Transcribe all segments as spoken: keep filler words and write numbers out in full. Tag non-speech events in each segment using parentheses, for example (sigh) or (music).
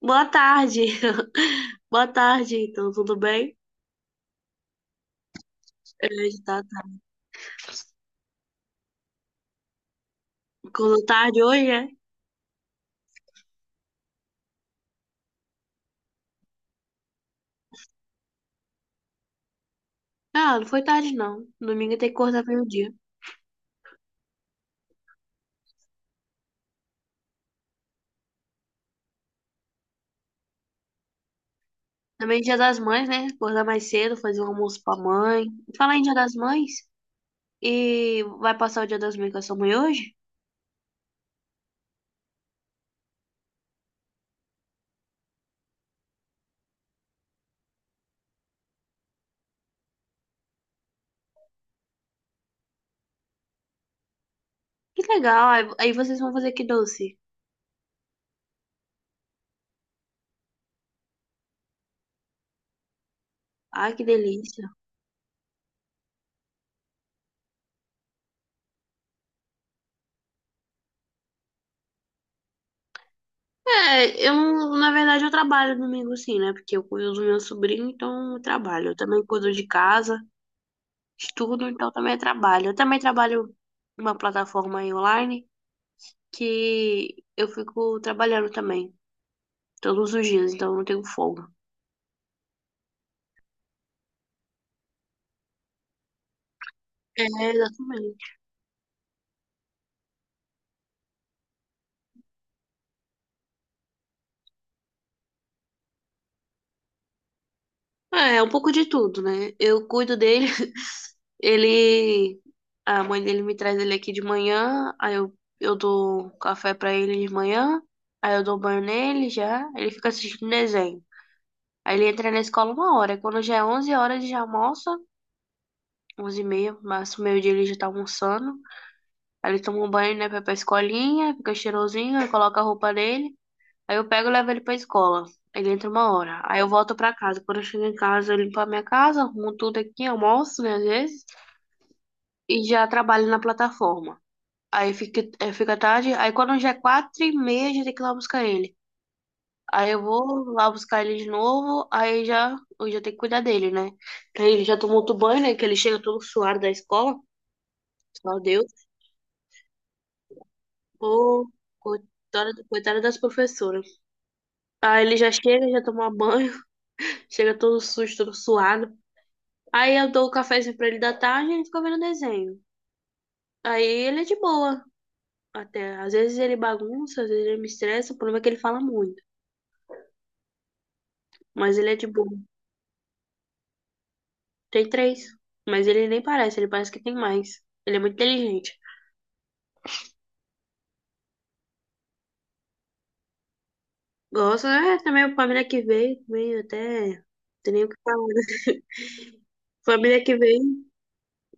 Boa tarde. (laughs) Boa tarde, então, tudo bem? É, tá, tá. Acordou tarde hoje, é? Ah, não foi tarde, não. Domingo tem que acordar meio-dia. Também dia das mães, né? Acordar mais cedo, fazer um almoço pra mãe. Falar em dia das mães, e vai passar o dia das mães com a sua mãe hoje? Que legal, aí aí vocês vão fazer que doce. Ai, que delícia. É, eu, não- na verdade, eu trabalho domingo sim, né? Porque eu cuido do meu sobrinho, então eu trabalho. Eu também cuido de casa. Estudo, então também é trabalho. Eu também trabalho numa plataforma aí online que eu fico trabalhando também, todos os dias, então eu não tenho folga. É, exatamente. É, é um pouco de tudo, né? Eu cuido dele, (laughs) ele. A mãe dele me traz ele aqui de manhã, aí eu, eu dou café pra ele de manhã, aí eu dou banho nele já, ele fica assistindo desenho. Aí ele entra na escola uma hora, aí quando já é onze horas ele já almoça, onze e meia, máximo meio-dia ele já tá almoçando. Aí ele toma um banho, né, pra ir pra escolinha, fica cheirosinho, aí coloca a roupa dele. Aí eu pego e levo ele pra escola. Ele entra uma hora. Aí eu volto pra casa. Quando eu chego em casa, eu limpo a minha casa, arrumo tudo aqui, almoço, né, às vezes, e já trabalho na plataforma. Aí fica, é, fica tarde. Aí quando já é quatro e meia, já tem que ir lá buscar ele. Aí eu vou lá buscar ele de novo, aí já, eu já tenho que cuidar dele, né? Aí ele já tomou outro banho, né, que ele chega todo suado da escola. Meu Deus, pô, coitada coitada das professoras. Aí ele já chega, já toma um banho, (laughs) chega todo sujo, todo suado. Aí eu dou o cafezinho pra ele da tarde e ele fica vendo desenho. Aí ele é de boa, até. Às vezes ele bagunça, às vezes ele me estressa, o problema é que ele fala muito. Mas ele é de boa. Tem três. Mas ele nem parece, ele parece que tem mais. Ele é muito inteligente. Gosto, é, também a família que veio, também até. Não, tem nem o que falar. (laughs) Família que veem,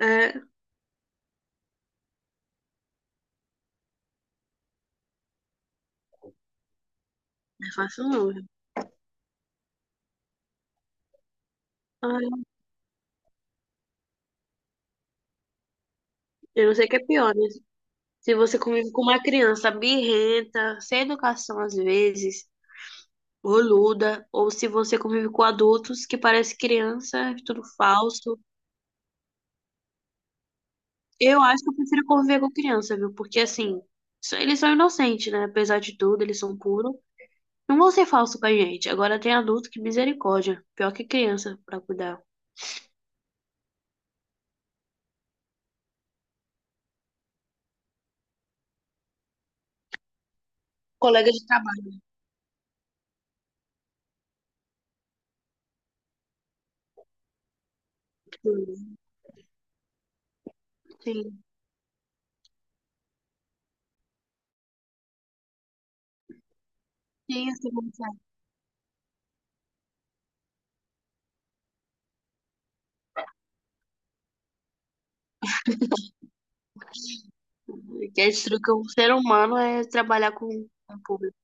é, não é fácil não. Ai, eu não sei o que é pior, né? Se você convive com uma criança birrenta, sem educação às vezes, boluda, ou se você convive com adultos que parece criança, tudo falso. Eu acho que eu prefiro conviver com criança, viu? Porque assim, só- eles são inocentes, né? Apesar de tudo, eles são puros. Não vão ser falsos com a gente. Agora tem adulto que misericórdia. Pior que criança pra cuidar. Colega de trabalho. Tudo. Sim, sim, assim como certo. Que é destruir um ser humano é trabalhar com com o público.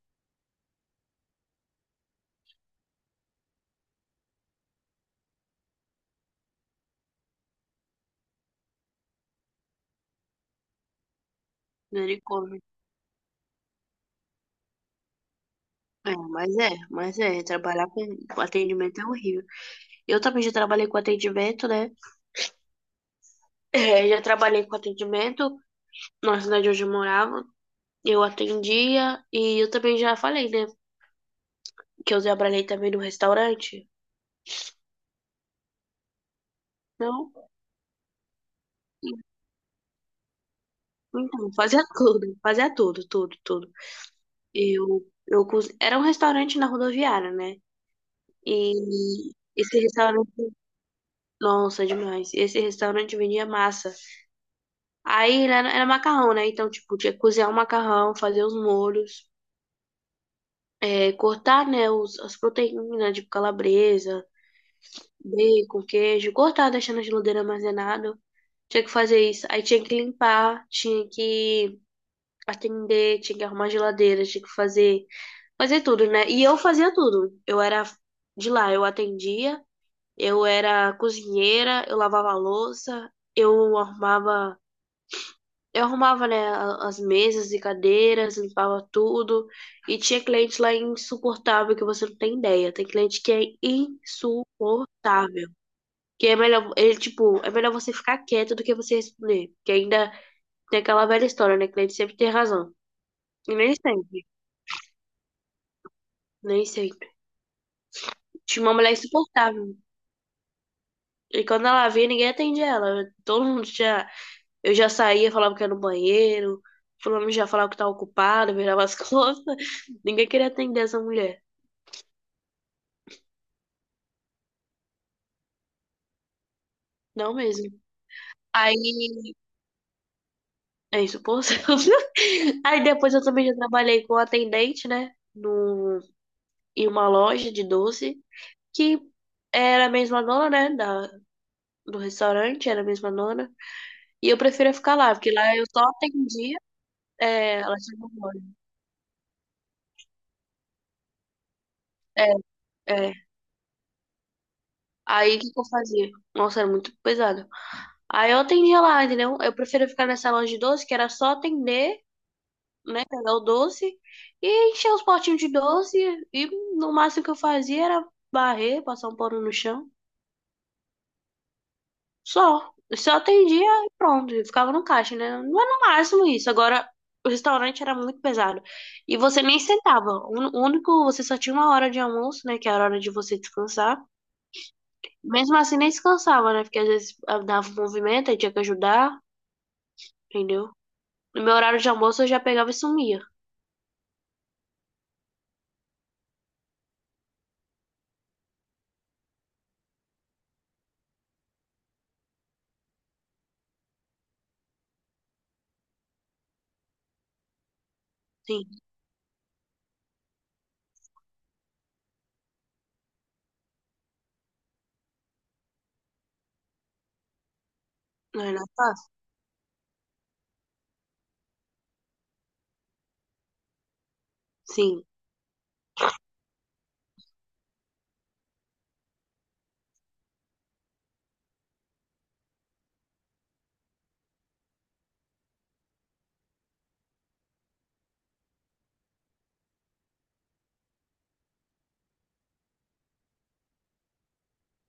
Misericórdia. É, mas é, mas é, trabalhar com com atendimento é horrível. Eu também já trabalhei com atendimento, né? É, já trabalhei com atendimento na cidade onde eu morava. Eu atendia e eu também já falei, né? Que eu trabalhei também no restaurante. Não, então, fazia (laughs) tudo, fazia tudo, tudo, tudo. Eu, eu, cons- era um restaurante na rodoviária, né? E esse restaurante, nossa, demais. Esse restaurante vendia massa. Aí era, era macarrão, né? Então, tipo, tinha que cozinhar o macarrão, fazer os molhos, é, cortar, né, os, as proteínas, tipo calabresa, bacon, queijo, cortar, deixando na geladeira armazenado. Tinha que fazer isso. Aí tinha que limpar, tinha que atender, tinha que arrumar a geladeira, tinha que fazer, fazer tudo, né? E eu fazia tudo. Eu era de lá, eu atendia, eu era cozinheira, eu lavava a louça, eu arrumava Eu arrumava, né, a- as mesas e cadeiras, limpava tudo. E tinha cliente lá insuportável que você não tem ideia. Tem cliente que é insuportável. Que é melhor, ele, tipo, é melhor você ficar quieto do que você responder. Que ainda tem aquela velha história, né? Cliente sempre tem razão. E nem sempre, nem sempre. Tinha uma mulher insuportável. E quando ela vinha ninguém atendia ela. Todo mundo já. Eu já saía, falava que era no banheiro. Fulano já falava que tava ocupado, virava as (laughs) costas. Ninguém queria atender essa mulher. Não mesmo. Aí, é isso, por (laughs) Aí depois eu também já trabalhei com atendente, né? Num, em uma loja de doce, que era a mesma dona, né? Da, do restaurante, era a mesma dona. E eu preferia ficar lá, porque lá eu só atendia, é, ela tinha uma loja. É. Aí o que que eu fazia? Nossa, era muito pesado. Aí eu atendia lá, entendeu? Eu preferia ficar nessa loja de doce, que era só atender, né? Pegar o doce e encher os potinhos de doce. E no máximo que eu fazia era barrer, passar um pano no chão. Só. Só atendia e pronto. E ficava no caixa, né? Não era no máximo isso. Agora, o restaurante era muito pesado. E você nem sentava. O único, você só tinha uma hora de almoço, né? Que era a hora de você descansar. Mesmo assim, nem descansava, né? Porque às vezes ah, dava um movimento, aí tinha que ajudar, entendeu? No meu horário de almoço eu já pegava e sumia. Sim, não era fácil? Sim.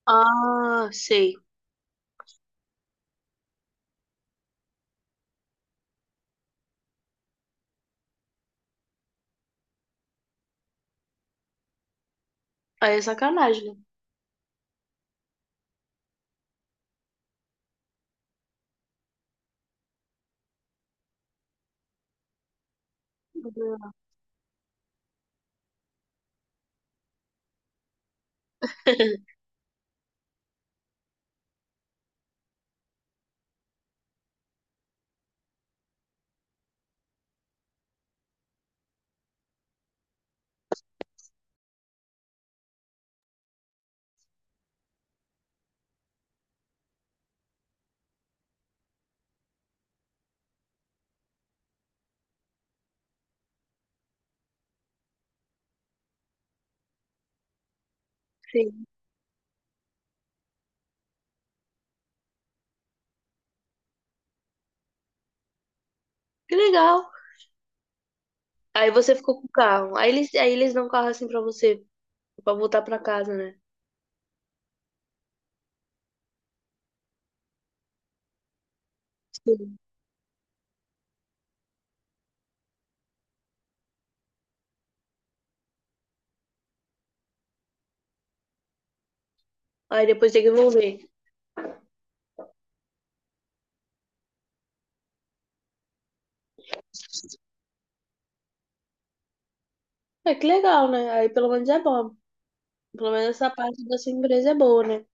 Ah, sei. Aí é sacanagem, né? (laughs) Sim. Que legal. Aí você ficou com o carro. Aí eles, aí eles dão o carro assim pra você, pra voltar pra casa, né? Sim. Aí depois tem que devolver. É que legal, né? Aí pelo menos é bom. Pelo menos essa parte da sua empresa é boa, né?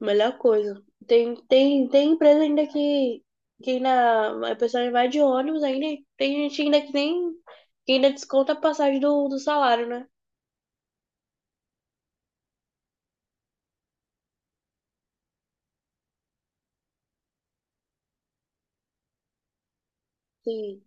Melhor coisa. Tem, tem, tem empresa ainda que, que ainda a pessoa vai de ônibus, ainda tem gente ainda que nem que ainda desconta a passagem do, do salário, né? Sim,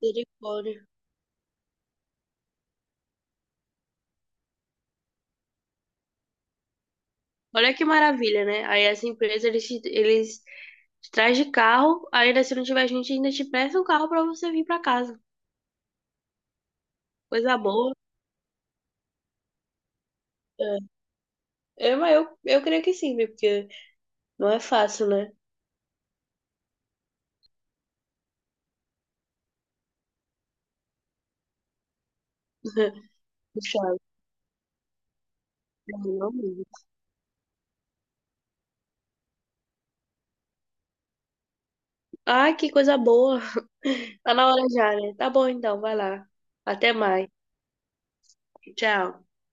misericórdia. Olha que maravilha, né? Aí essa empresa, eles, te- eles te traz de carro, ainda se não tiver gente, ainda te presta um carro pra você vir pra casa. Coisa boa. É, É, mas eu, eu creio que sim, viu? Porque não é fácil, né? (laughs) Puxado. Não mesmo. Ai, que coisa boa. (laughs) Tá na hora já, né? Tá bom então, vai lá. Até mais. Tchau.